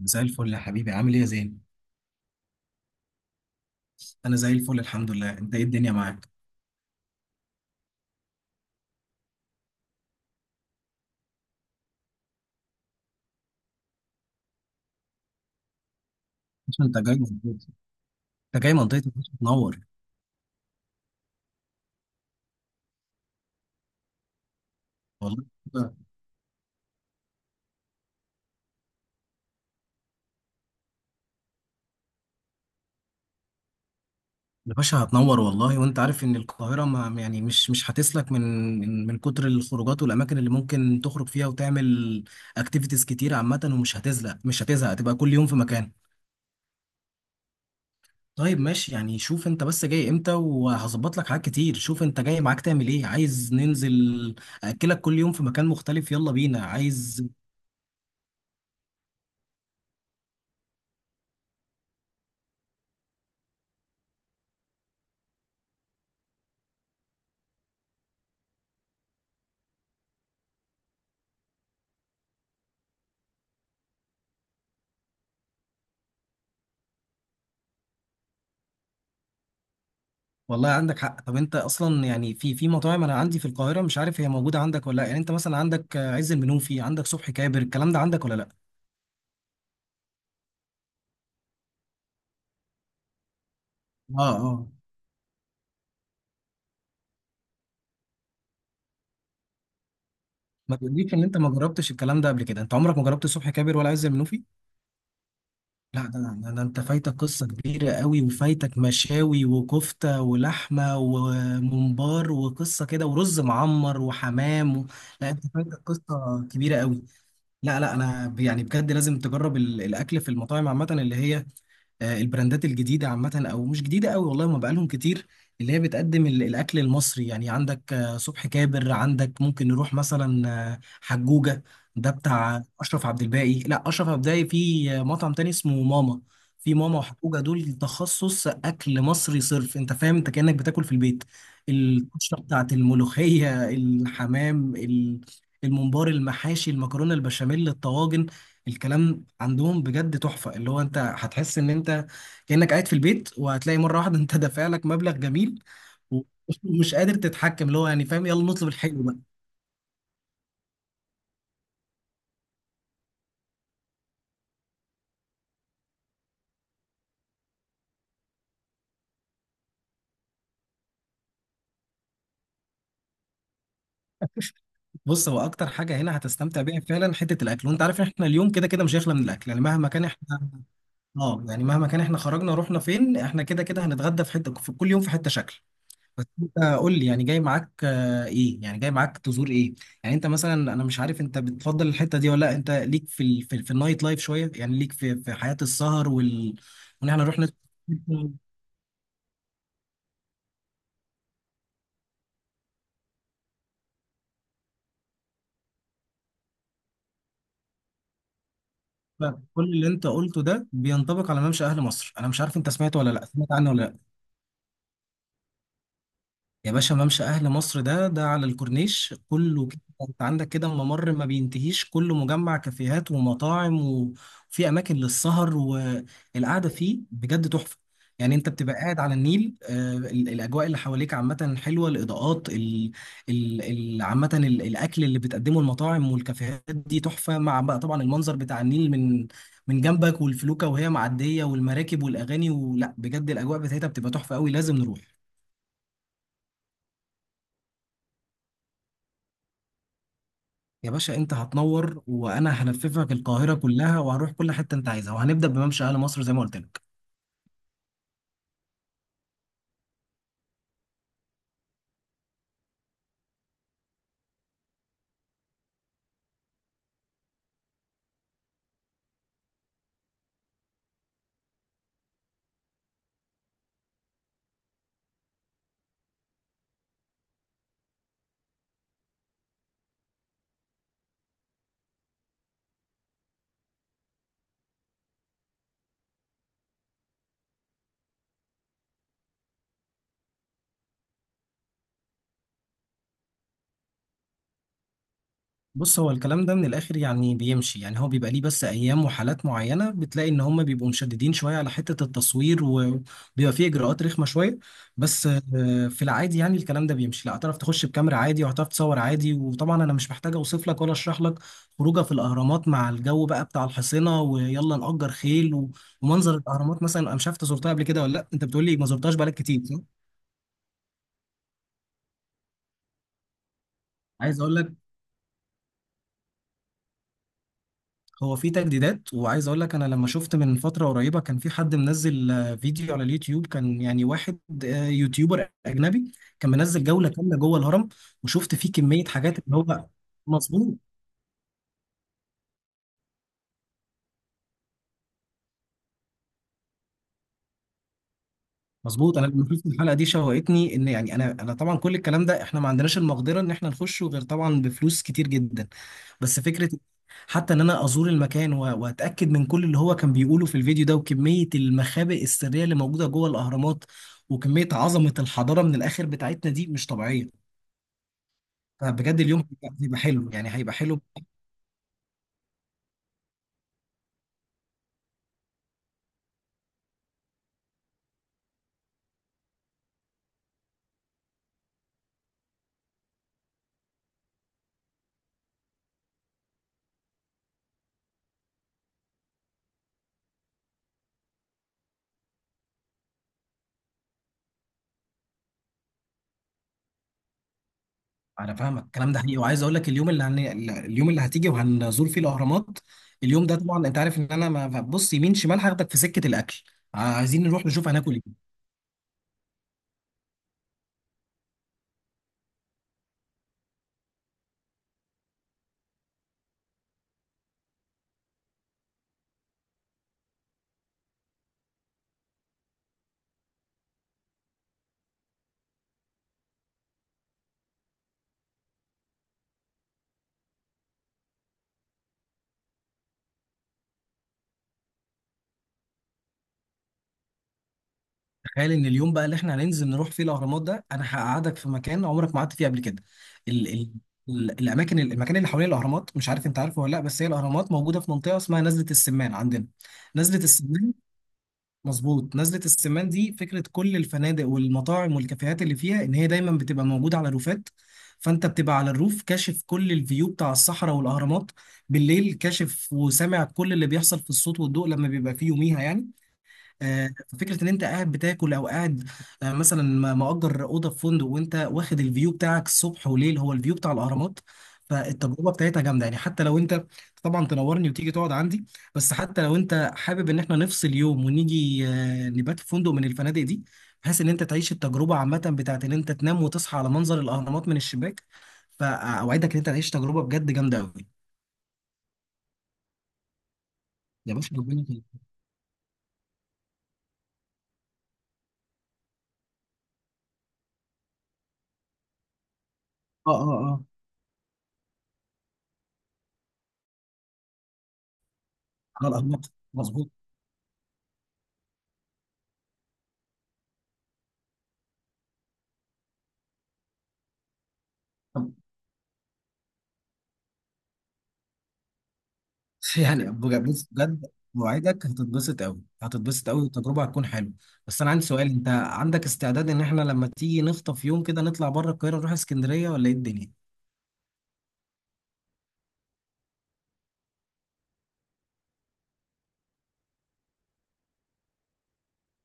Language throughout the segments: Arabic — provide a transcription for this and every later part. مساء الفل يا حبيبي، عامل ايه يا زين؟ انا زي الفل الحمد لله. انت ايه الدنيا معاك؟ عشان انت جاي منطقتي. انت جاي منطقتي يا باشا، تنور. والله كده. يا باشا هتنور والله، وانت عارف ان القاهرة ما يعني مش هتسلك من من كتر الخروجات والاماكن اللي ممكن تخرج فيها وتعمل اكتيفيتيز كتير عامة، ومش هتزهق، مش هتزهق، هتبقى كل يوم في مكان. طيب ماشي، يعني شوف انت بس جاي امتى وهظبط لك حاجات كتير. شوف انت جاي معاك تعمل ايه، عايز ننزل اكلك كل يوم في مكان مختلف، يلا بينا. عايز؟ والله عندك حق. طب انت اصلا يعني في مطاعم انا عندي في القاهره، مش عارف هي موجوده عندك ولا لا. يعني انت مثلا عندك عز المنوفي، عندك صبحي كابر، الكلام ده عندك ولا لا؟ اه اه. ما تقوليش ان انت ما جربتش الكلام ده قبل كده، انت عمرك ما جربت صبحي كابر ولا عز المنوفي؟ لا، ده انت فايتك قصه كبيره قوي، وفايتك مشاوي وكفته ولحمه وممبار وقصه كده ورز معمر وحمام. و... لا، انت فايتك قصه كبيره قوي. لا لا، انا يعني بجد لازم تجرب الاكل في المطاعم عامه، اللي هي البراندات الجديده عامه، او مش جديده قوي والله، ما بقالهم كتير، اللي هي بتقدم الاكل المصري. يعني عندك صبحي كابر، عندك ممكن نروح مثلا حجوجه. ده بتاع اشرف عبد الباقي، لا اشرف عبد الباقي في مطعم تاني اسمه ماما. في ماما وحجوجه، دول تخصص اكل مصري صرف. انت فاهم؟ انت كانك بتاكل في البيت، القشره بتاعت الملوخيه، الحمام، الممبار، المحاشي، المكرونه، البشاميل، الطواجن. الكلام عندهم بجد تحفة، اللي هو انت هتحس ان انت كأنك قاعد في البيت. وهتلاقي مرة واحدة انت دافع لك مبلغ جميل، و- ومش قادر تتحكم، اللي هو يعني فاهم، يلا نطلب الحلو بقى. بص، هو اكتر حاجة هنا هتستمتع بيها فعلا حتة الاكل، وانت عارف ان احنا اليوم كده كده مش هيخلى من الاكل، يعني مهما كان احنا. اه، يعني مهما كان احنا خرجنا رحنا فين، احنا كده كده هنتغدى في حتة، في كل يوم في حتة شكل. بس انت قول لي، يعني جاي معاك ايه؟ يعني جاي معاك تزور ايه؟ يعني انت مثلا، انا مش عارف انت بتفضل الحته دي ولا لا، انت ليك في في النايت لايف شويه؟ يعني ليك في حياه السهر، وان احنا نروح. كل اللي انت قلته ده بينطبق على ممشى اهل مصر. انا مش عارف انت سمعت ولا لا، سمعت عنه ولا لا؟ يا باشا ممشى أهل مصر ده، على الكورنيش كله كده. أنت عندك كده ممر ما بينتهيش، كله مجمع كافيهات ومطاعم، وفي أماكن للسهر والقعدة، فيه بجد تحفة. يعني أنت بتبقى قاعد على النيل، الأجواء اللي حواليك عامة حلوة، الإضاءات عامة، الأكل اللي بتقدمه المطاعم والكافيهات دي تحفة، مع بقى طبعا المنظر بتاع النيل من جنبك، والفلوكة وهي معدية والمراكب والأغاني، ولا بجد الأجواء بتاعتها بتبقى تحفة قوي، لازم نروح. يا باشا انت هتنور، وانا هلففك القاهره كلها، وهنروح كل حته انت عايزها، وهنبدا بممشى اهل مصر زي ما قلت لك. بص، هو الكلام ده من الاخر يعني بيمشي. يعني هو بيبقى ليه بس ايام وحالات معينه، بتلاقي ان هم بيبقوا مشددين شويه على حته التصوير، وبيبقى فيه اجراءات رخمه شويه. بس في العادي يعني الكلام ده بيمشي. لا، هتعرف تخش بكاميرا عادي، وهتعرف تصور عادي. وطبعا انا مش محتاج اوصف لك ولا اشرح لك خروجه في الاهرامات، مع الجو بقى بتاع الحصينه، ويلا نأجر خيل، ومنظر الاهرامات. مثلا انا مش عارف انت زرتها قبل كده ولا لا، انت بتقول لي ما زرتهاش بقالك كتير صح؟ عايز اقول لك، هو في تجديدات، وعايز اقول لك انا لما شفت من فتره قريبه كان في حد منزل فيديو على اليوتيوب، كان يعني واحد يوتيوبر اجنبي كان منزل جوله كامله جوه الهرم، وشفت فيه كميه حاجات اللي هو مظبوط. مظبوط، انا لما شفت الحلقه دي شوقتني، ان يعني انا طبعا كل الكلام ده احنا ما عندناش المقدره ان احنا نخشه غير طبعا بفلوس كتير جدا. بس فكره حتى ان انا ازور المكان، واتاكد من كل اللي هو كان بيقوله في الفيديو ده، وكميه المخابئ السريه اللي موجوده جوه الاهرامات، وكميه عظمه الحضاره من الاخر بتاعتنا دي مش طبيعيه. فبجد اليوم هيبقى، حلو، يعني هيبقى حلو. انا فاهمك، الكلام ده حقيقي. وعايز اقول لك، اليوم اللي هتيجي وهنزور فيه الاهرامات، اليوم ده طبعا انت عارف ان انا ما ببص يمين شمال، هاخدك في سكه الاكل. عايزين نروح نشوف هناكل ايه. تخيل ان اليوم بقى اللي احنا هننزل نروح فيه الاهرامات ده، انا هقعدك في مكان عمرك ما قعدت فيه قبل كده. ال... ال... ال- الاماكن المكان اللي حوالين الاهرامات، مش عارف انت عارفه ولا لا، بس هي الاهرامات موجوده في منطقه اسمها نزله السمان عندنا. نزله السمان، مظبوط. نزلة السمان دي فكرة كل الفنادق والمطاعم والكافيهات اللي فيها، إن هي دايما بتبقى موجودة على الروفات، فأنت بتبقى على الروف كاشف كل الفيو بتاع الصحراء والأهرامات. بالليل كاشف وسامع كل اللي بيحصل في الصوت والضوء لما بيبقى فيه يوميها، يعني آه، فكرة إن أنت قاعد بتاكل، أو قاعد مثلا مأجر أوضة في فندق، وأنت واخد الفيو بتاعك الصبح وليل هو الفيو بتاع الأهرامات. فالتجربة بتاعتها جامدة، يعني حتى لو أنت، طبعا تنورني وتيجي تقعد عندي، بس حتى لو أنت حابب إن إحنا نفصل يوم ونيجي نبات في فندق من الفنادق دي، بحيث إن أنت تعيش التجربة عامة بتاعت إن أنت تنام وتصحى على منظر الأهرامات من الشباك. فأوعدك إن أنت تعيش تجربة بجد جامدة أوي. يا باشا ربنا يكرمك. آه آه آه، على الأهرامات، مظبوط. يعني بص بجد، موعدك هتتبسط قوي، هتتبسط قوي، والتجربه هتكون حلوه. بس انا عندي سؤال، انت عندك استعداد ان احنا لما تيجي نخطف يوم كده نطلع بره القاهره، نروح اسكندريه ولا ايه الدنيا؟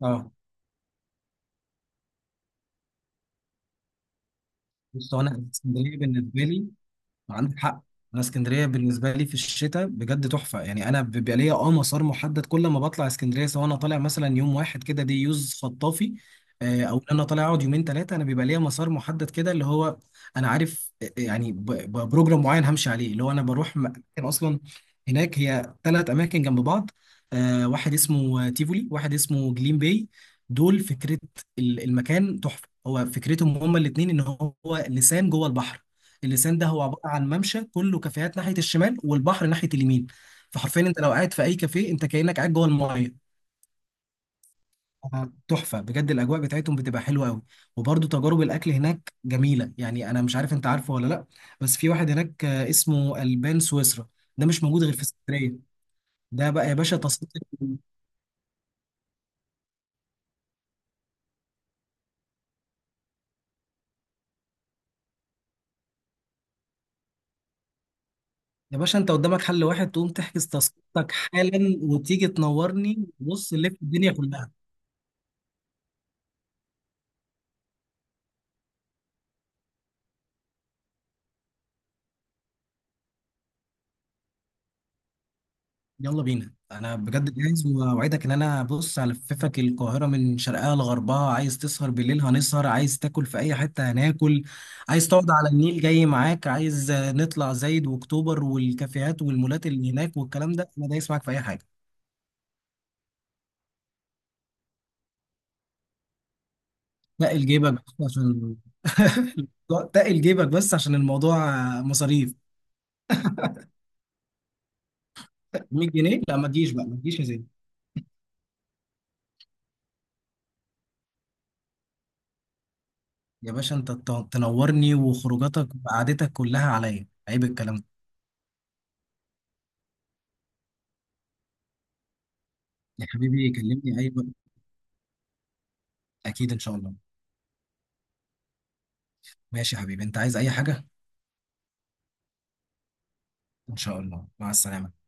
اه، بص، هو انا اسكندريه بالنسبه لي، عندك حق. انا اسكندريه بالنسبه لي في الشتاء بجد تحفه. يعني انا بيبقى ليا مسار محدد، كل ما بطلع اسكندريه، سواء انا طالع مثلا يوم واحد كده دي يوز خطافي، او إن انا طالع اقعد يومين ثلاثه، انا بيبقى ليا مسار محدد كده، اللي هو انا عارف يعني بروجرام معين همشي عليه، اللي هو انا بروح أماكن اصلا هناك. هي ثلاث اماكن جنب بعض، واحد اسمه تيفولي، واحد اسمه جليم باي، دول فكره المكان تحفه. هو فكرتهم هما الاثنين ان هو لسان جوه البحر. اللسان ده هو عباره عن ممشى كله كافيهات ناحيه الشمال والبحر ناحيه اليمين. فحرفيا انت لو قاعد في اي كافيه انت كانك قاعد جوه المايه. تحفه بجد، الاجواء بتاعتهم بتبقى حلوه قوي. وبرده تجارب الاكل هناك جميله. يعني انا مش عارف انت عارفه ولا لا، بس في واحد هناك اسمه البان سويسرا، ده مش موجود غير في اسكندريه. ده بقى يا باشا تذكرتك. يا باشا انت قدامك حل واحد، تقوم تحجز تذكرتك حالا وتيجي تنورني. بص نلف الدنيا كلها. يلا بينا، انا بجد جاهز، واوعدك ان انا، بص هلففك القاهره من شرقها لغربها. عايز تسهر بالليل هنسهر، عايز تاكل في اي حته هناكل، عايز تقعد على النيل جاي معاك، عايز نطلع زايد واكتوبر والكافيهات والمولات اللي هناك والكلام ده انا دايس معاك في اي حاجه. تقل جيبك بس عشان تقل جيبك بس عشان الموضوع مصاريف. 100 جنيه؟ لا ما تجيش بقى، ما تجيش يا زين. يا باشا انت تنورني، وخروجاتك وقعدتك كلها عليا، عيب الكلام ده. يا حبيبي كلمني اي وقت. اكيد ان شاء الله. ماشي يا حبيبي، انت عايز اي حاجة؟ ان شاء الله، مع السلامة.